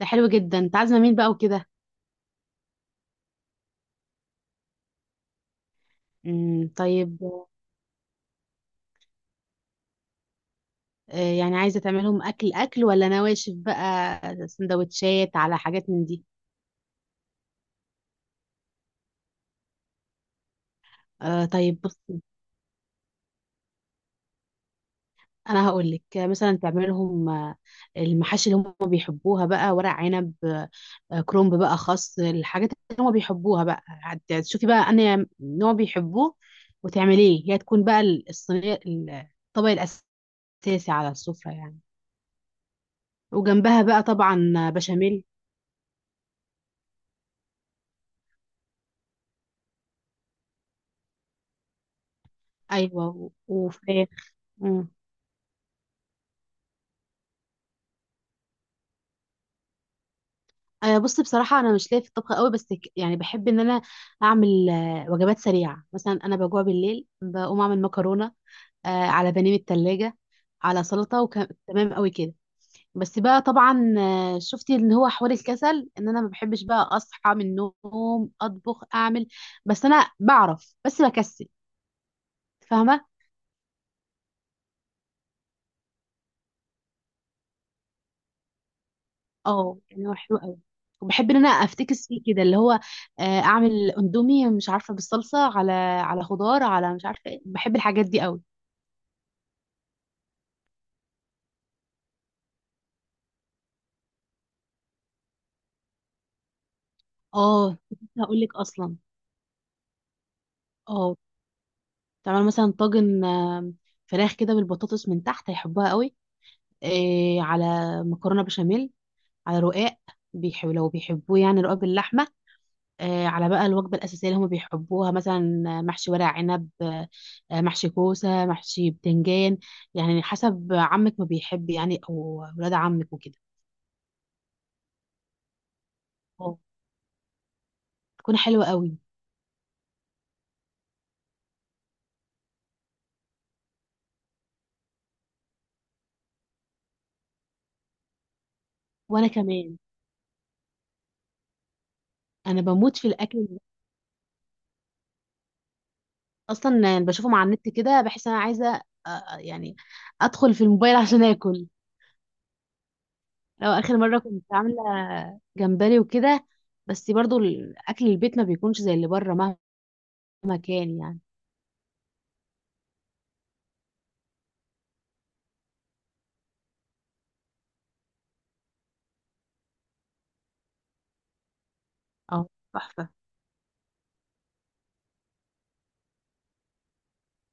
ده حلو جدا، انت عازمه مين بقى وكده؟ طيب. يعني عايزه تعملهم اكل اكل ولا نواشف بقى، سندوتشات على حاجات من دي؟ آه طيب بصي، انا هقول لك مثلا تعملهم المحاشي اللي هم بيحبوها بقى، ورق عنب، كرنب بقى، خس، الحاجات اللي هم بيحبوها بقى. تشوفي بقى انا نوع بيحبوه وتعمليه، هي تكون بقى الصينيه، الطبق الاساسي على السفره يعني، وجنبها بقى طبعا بشاميل. ايوه وفراخ. مم. بص، بصراحة أنا مش ليا في الطبخ قوي، بس يعني بحب إن أنا أعمل وجبات سريعة. مثلا أنا بجوع بالليل بقوم أعمل مكرونة، على بانيه من التلاجة، على سلطة، وتمام قوي كده. بس بقى طبعا، شفتي إن هو حوار الكسل، إن أنا ما بحبش بقى أصحى من النوم أطبخ أعمل. بس أنا بعرف، بس بكسل. فاهمة. اه يعني هو حلو قوي، وبحب ان انا افتكس فيه كده، اللي هو اعمل اندومي مش عارفه بالصلصه، على على خضار، على مش عارفه ايه. بحب الحاجات دي قوي. اه كنت لسه هقول لك اصلا. اه تعمل مثلا طاجن، فراخ كده بالبطاطس من تحت، هيحبوها قوي. على مكرونه بشاميل، على رقاق، بيحب لو بيحبوه يعني رقاق باللحمه. على بقى الوجبة الأساسية اللي هم بيحبوها، مثلا آه، محشي ورق عنب، محشي كوسة، محشي بتنجان. يعني حسب عمك ما بيحب، يعني أو ولاد عمك وكده. اه تكون حلوة قوي. وأنا كمان، أنا بموت في الأكل. أصلا يعني بشوفهم على النت كده بحس أنا عايزة يعني أدخل في الموبايل عشان آكل. لو آخر مرة كنت عاملة جمبري وكده، بس برضو الأكل البيت ما بيكونش زي اللي بره مهما كان يعني. اه تحفة.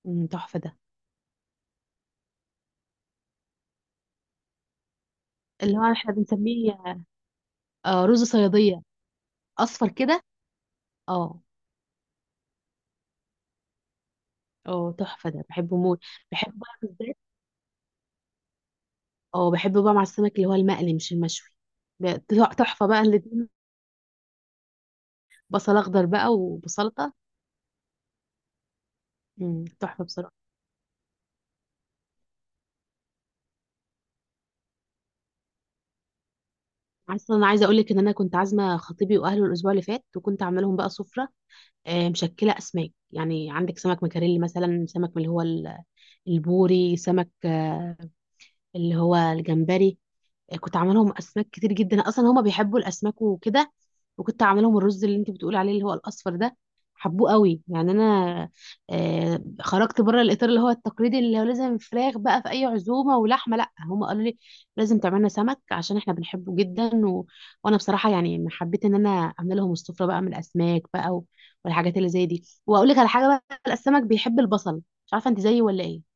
تحفة ده، اللي هو احنا بنسميه رز صيادية. اصفر كده. اه. اه تحفة ده، بحبه موت. بحبه بقى بالذات. اه بحبه بقى مع السمك، اللي هو المقلي مش المشوي. ب- تحفة بقى الاتنين. بصل اخضر بقى، وبسلطة. تحفة بصراحة. اصلا انا عايزه اقول لك ان انا كنت عازمه خطيبي واهله الاسبوع اللي فات، وكنت عامله لهم بقى سفره مشكله اسماك. يعني عندك سمك مكاريلي مثلا، سمك من اللي هو البوري، سمك اللي هو الجمبري. كنت عاملهم اسماك كتير جدا، اصلا هما بيحبوا الاسماك وكده. وكنت عاملهم الرز اللي انت بتقول عليه اللي هو الاصفر ده، حبوه قوي. يعني انا آه خرجت بره الاطار اللي هو التقليدي، اللي هو لازم فراخ بقى في اي عزومه ولحمه. لا، هما قالوا لي لازم تعملنا سمك عشان احنا بنحبه جدا. و... وانا بصراحه يعني حبيت ان انا اعمل لهم السفره بقى من الاسماك بقى، و... والحاجات اللي زي دي. واقول لك على حاجه بقى، السمك بيحب البصل، مش عارفه انت زيي ولا ايه.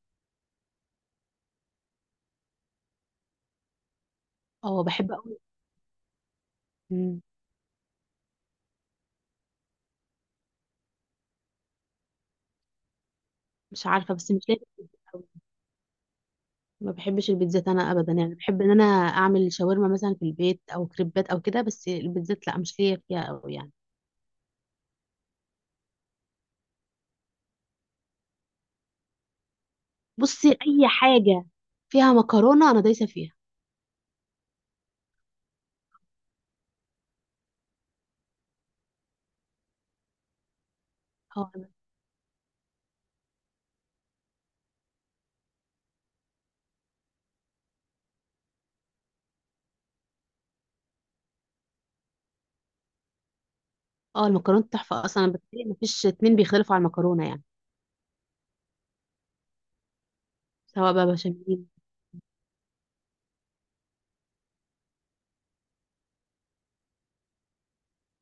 اه بحب قوي. مم. مش عارفه بس مش لاقي. ما بحبش البيتزات انا ابدا يعني. بحب ان انا اعمل شاورما مثلا في البيت، او كريبات او كده، بس البيتزات لا، مش ليا فيها أوي يعني. بصي اي حاجه فيها مكرونه انا دايسه فيها. اه. اه المكرونه تحفه اصلا، بتهيألي ما فيش اتنين بيختلفوا على المكرونه يعني. سواء بقى بشاميل.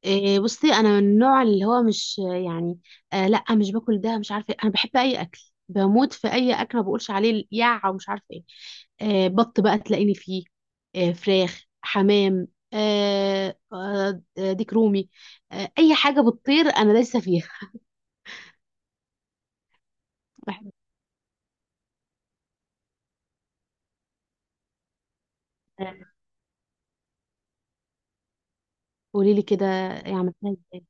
إيه، بصي انا من النوع اللي هو مش يعني، آه لا مش باكل ده مش عارفه إيه. انا بحب اي اكل، بموت في اي اكل، ما بقولش عليه يا ومش عارفه ايه. آه بط بقى تلاقيني فيه، آه فراخ، حمام، ديك رومي. آه اي حاجه بتطير انا دايسه فيها. بحب. قولي لي كده، إيه عملتها ازاي؟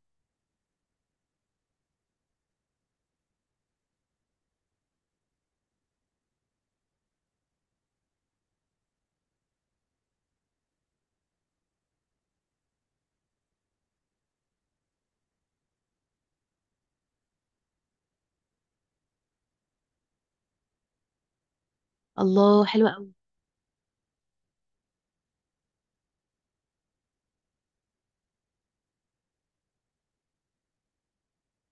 الله حلوه قوي.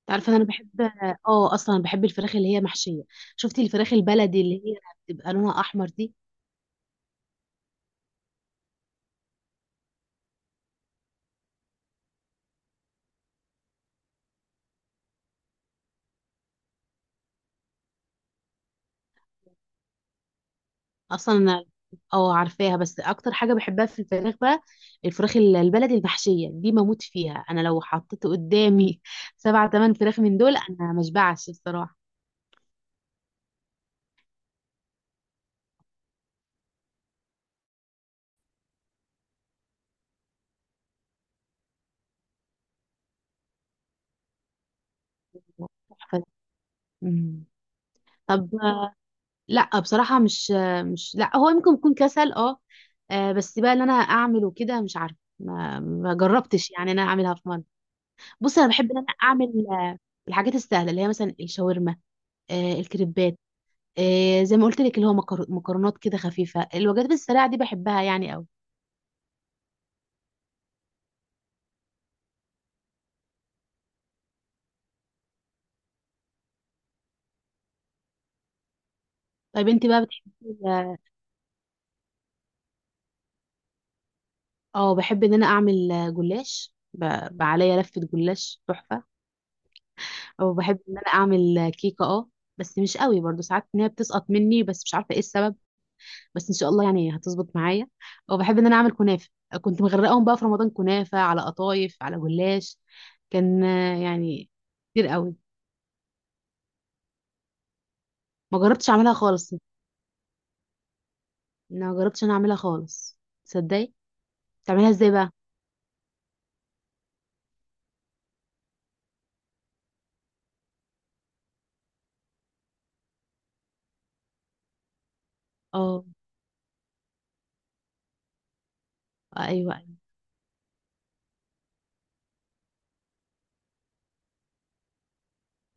تعرفي انا بحب، اه اصلا بحب الفراخ اللي هي محشيه. شفتي الفراخ البلدي اللي هي بتبقى لونها احمر دي؟ اصلا اه عارفاها. بس اكتر حاجه بحبها في الفراخ بقى، الفراخ البلدي المحشيه دي، بموت فيها انا. لو حطيت قدامي سبعة تمن فراخ من دول انا مشبعش بصراحه. تحفة. مم. طب لا بصراحه مش لا، هو ممكن يكون كسل اه. بس بقى اللي انا اعمله كده، مش عارفه، ما جربتش يعني إن انا اعملها في مره. بص انا بحب ان انا اعمل الحاجات السهله، اللي هي مثلا الشاورما، الكريبات. إيه، زي ما قلت لك، اللي هو مكرونات كده خفيفة، الوجبات السريعة دي بحبها يعني قوي. طيب انت بقى بتحبي اه بحب ان انا اعمل جلاش، بقى عليا لفة جلاش تحفة. او بحب ان انا اعمل كيكة اه، بس مش قوي برضو ساعات ان هي بتسقط مني، بس مش عارفة ايه السبب. بس ان شاء الله يعني هتظبط معايا. او بحب ان انا اعمل كنافة. كنت مغرقاهم بقى في رمضان، كنافة على قطايف على جلاش، كان يعني كتير قوي. ما جربتش اعملها خالص. ما جربتش انا اعملها خالص، تصدقي. بتعملها ازاي بقى؟ اه ايوه ايوه.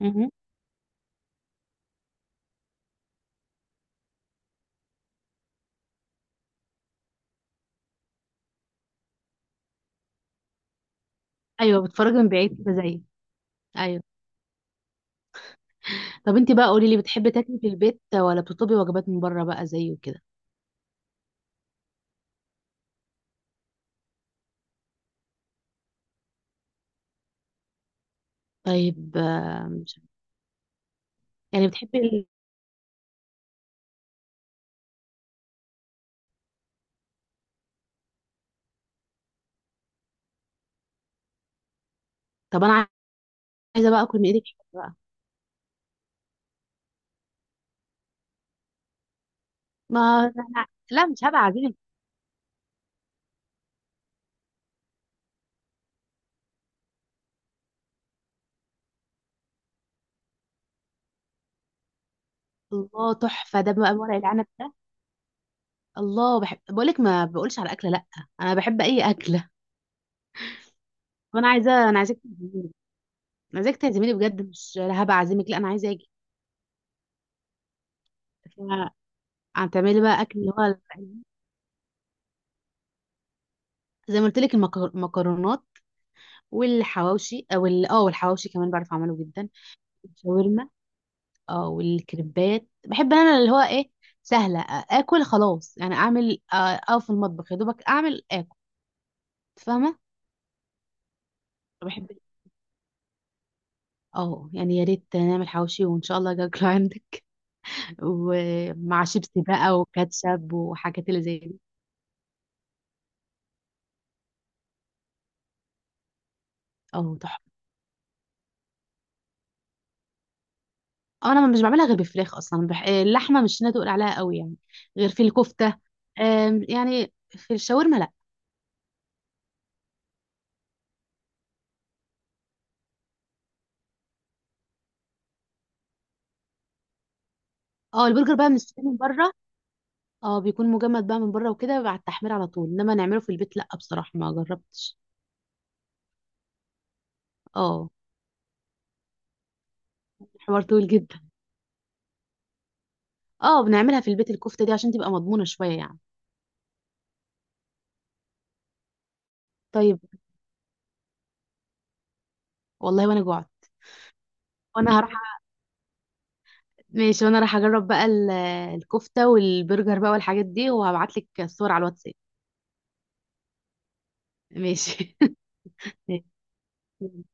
مهم. ايوه بتفرج من بعيد كده زيي. ايوه. طب انت بقى قولي لي، بتحبي تاكلي في البيت ولا بتطلبي وجبات من بره بقى زيي وكده؟ طيب مش عارفة. يعني بتحبي ال... طب انا عايزه بقى اكل من ايدك حاجة بقى. ما أنا... لا مش هبقى عزيزي. الله تحفه ده بقى، ورق العنب ده. الله، بحب، بقول لك ما بقولش على اكله لا، انا بحب اي اكله. وانا عايزه، انا عايزاك تعزميني. انا عايزاك تعزميني بجد، مش لا هبقى اعزمك، لا انا عايزه اجي. فهتعملي بقى اكل اللي هو، زي ما قلت لك، المكرونات والحواوشي او اه والحواوشي كمان، بعرف اعمله جدا. الشاورما. اه والكريبات بحب انا، اللي هو ايه، سهله، اكل خلاص يعني، اعمل اقف في المطبخ يا دوبك اعمل اكل، فاهمه. بحب. اه يعني يا ريت نعمل حواوشي، وان شاء الله اجي اكله عندك ومع شيبسي بقى وكاتشب وحاجات اللي زي دي. اه تحفه. انا مش بعملها غير بالفراخ اصلا، بح... آه، اللحمه مش انا تقول عليها قوي يعني، غير في الكفته. يعني في الشاورما لا. اه البرجر بقى بنشتريه من بره. اه بيكون مجمد بقى من بره وكده بعد التحمير على طول، انما نعمله في البيت لا بصراحه ما جربتش. اه حوار طويل جدا. اه بنعملها في البيت الكفته دي عشان تبقى مضمونه شويه يعني. طيب، والله وانا جوعت. وانا هروح أعمل- ماشي، وانا راح اجرب بقى الكفته والبرجر بقى والحاجات دي، وهبعت لك الصور على الواتساب. ماشي ماشي.